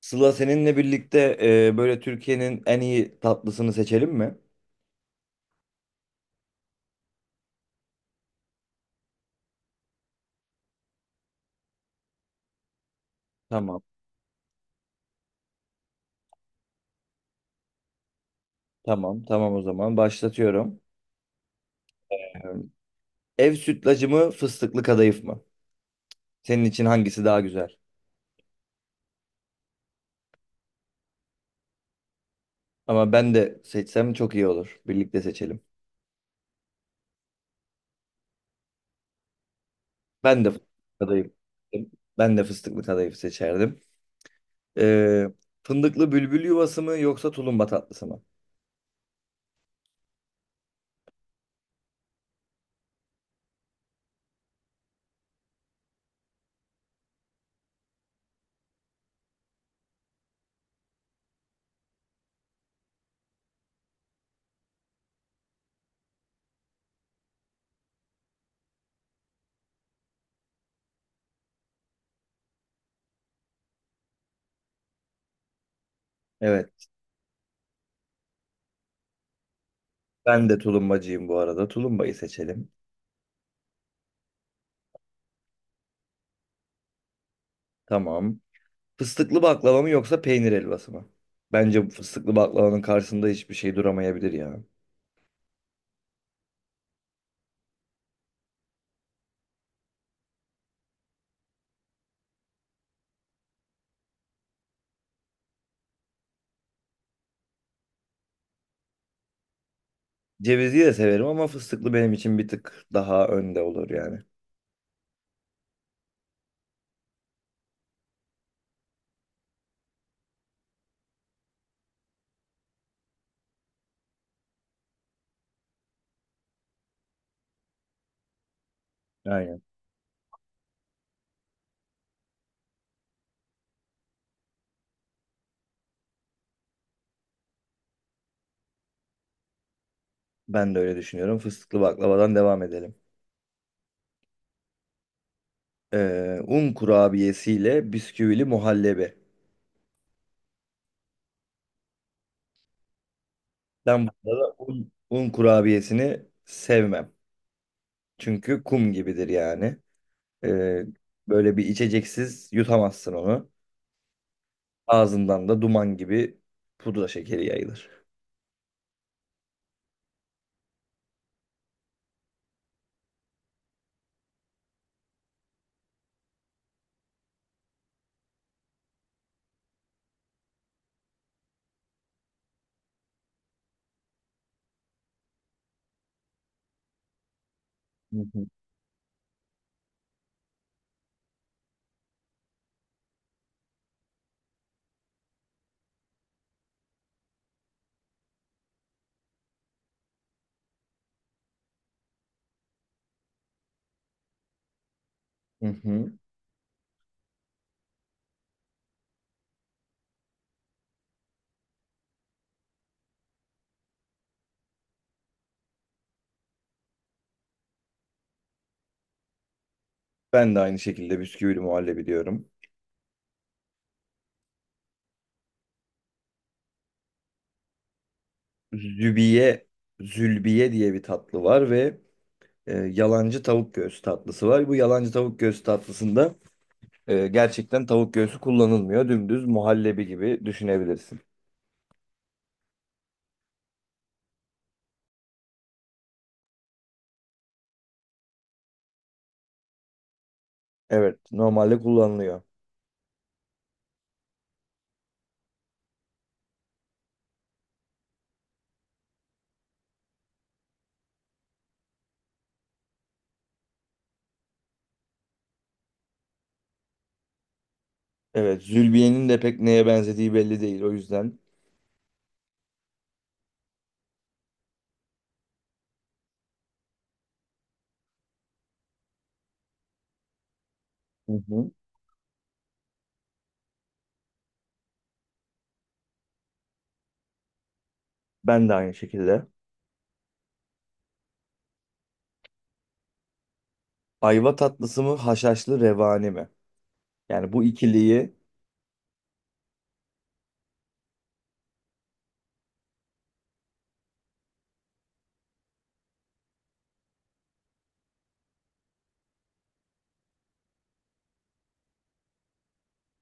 Sıla seninle birlikte böyle Türkiye'nin en iyi tatlısını seçelim mi? Tamam. Tamam, tamam o zaman başlatıyorum. E, Ev sütlacı mı, fıstıklı kadayıf mı? Senin için hangisi daha güzel? Ama ben de seçsem çok iyi olur. Birlikte seçelim. Ben de fıstıklı kadayıf. Ben de fıstıklı kadayıf seçerdim. E, Fındıklı bülbül yuvası mı yoksa tulumba tatlısı mı? Evet, ben de tulumbacıyım bu arada. Tulumbayı seçelim. Tamam. Fıstıklı baklava mı yoksa peynir helvası mı? Bence bu fıstıklı baklavanın karşısında hiçbir şey duramayabilir ya. Cevizli de severim ama fıstıklı benim için bir tık daha önde olur yani. Aynen. Ben de öyle düşünüyorum. Fıstıklı baklavadan devam edelim. Un kurabiyesiyle bisküvili muhallebi. Ben burada un kurabiyesini sevmem. Çünkü kum gibidir yani. Ee, Böyle bir içeceksiz yutamazsın onu. Ağzından da duman gibi pudra şekeri yayılır. Hı hı. Hı hı. Ben de aynı şekilde bisküvili muhallebi diyorum. Zübiye, zülbiye diye bir tatlı var ve yalancı tavuk göğsü tatlısı var. Bu yalancı tavuk göğsü tatlısında gerçekten tavuk göğsü kullanılmıyor. Dümdüz muhallebi gibi düşünebilirsin. Evet, normalde kullanılıyor. Evet, zülbiyenin de pek neye benzediği belli değil. O yüzden, hı hı, ben de aynı şekilde. Ayva tatlısı mı, haşhaşlı revani mi? Yani bu ikiliyi,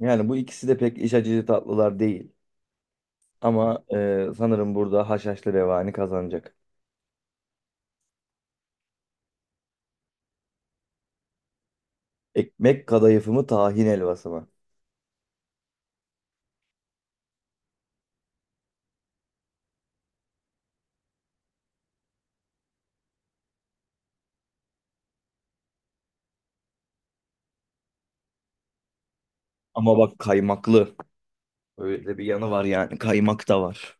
yani bu ikisi de pek iç açıcı tatlılar değil. Ama sanırım burada haşhaşlı revani kazanacak. Ekmek kadayıfı mı tahin helvası mı? Ama bak kaymaklı. Öyle bir yanı var yani kaymak da var.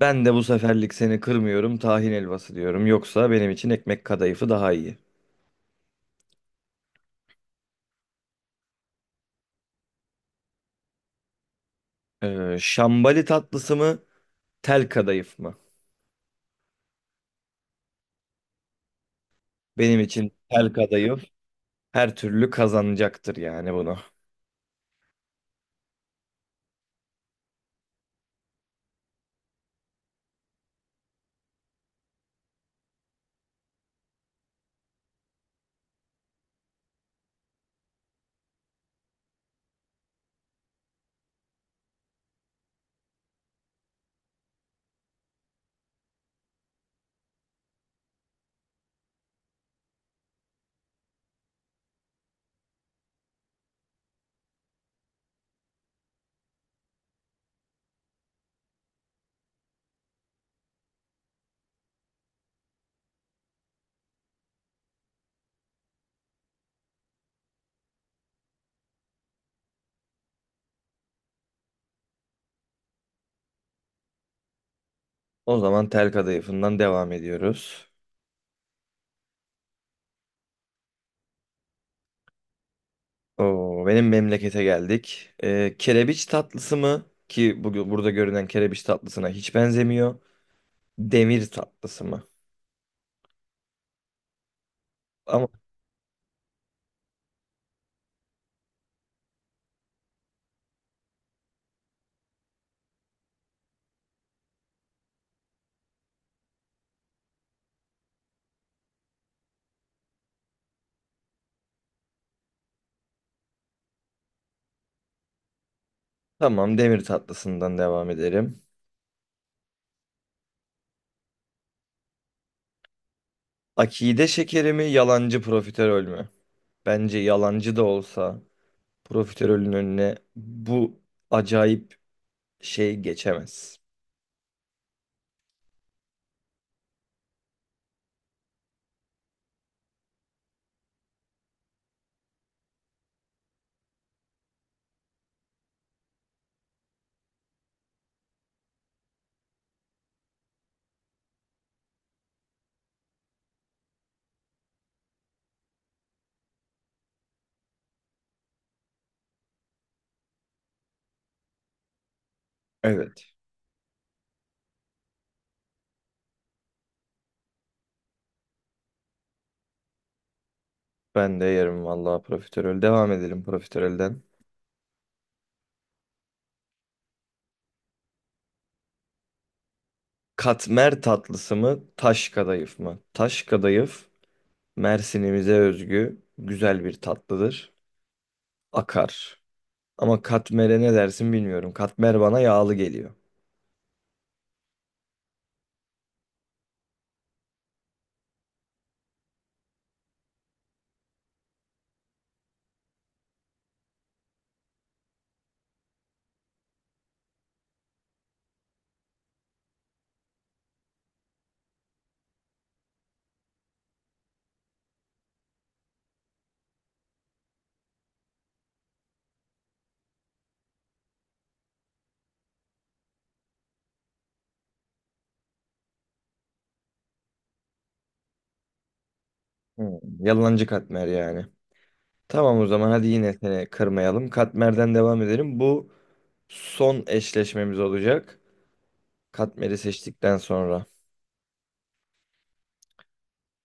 Ben de bu seferlik seni kırmıyorum tahin helvası diyorum. Yoksa benim için ekmek kadayıfı daha iyi. Şambali tatlısı mı tel kadayıf mı? Benim için tel kadayıf her türlü kazanacaktır yani bunu. O zaman tel kadayıfından devam ediyoruz. Oo, benim memlekete geldik. Kerebiç tatlısı mı ki bu, burada görünen kerebiç tatlısına hiç benzemiyor. Demir tatlısı mı? Ama tamam demir tatlısından devam edelim. Akide şekeri mi yalancı profiterol mü? Bence yalancı da olsa profiterolün önüne bu acayip şey geçemez. Evet, ben de yerim vallahi profiterol. Devam edelim profiterolden. Katmer tatlısı mı taş kadayıf mı? Taş kadayıf Mersin'imize özgü güzel bir tatlıdır. Akar. Ama katmere ne dersin bilmiyorum. Katmer bana yağlı geliyor. Hmm, yalancı katmer yani. Tamam o zaman hadi yine seni kırmayalım. Katmerden devam edelim. Bu son eşleşmemiz olacak. Katmeri seçtikten sonra.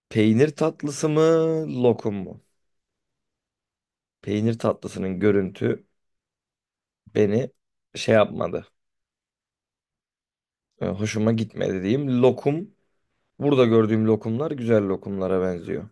Peynir tatlısı mı, lokum mu? Peynir tatlısının görüntü beni şey yapmadı. Hoşuma gitmedi diyeyim. Lokum, burada gördüğüm lokumlar güzel lokumlara benziyor.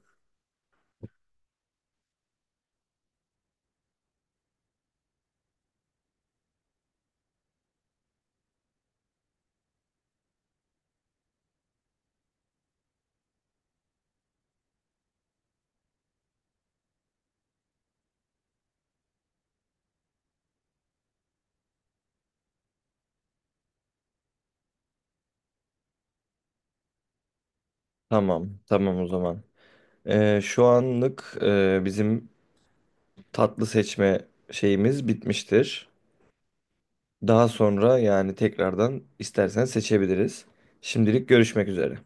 Tamam, tamam o zaman. Şu anlık bizim tatlı seçme şeyimiz bitmiştir. Daha sonra yani tekrardan istersen seçebiliriz. Şimdilik görüşmek üzere.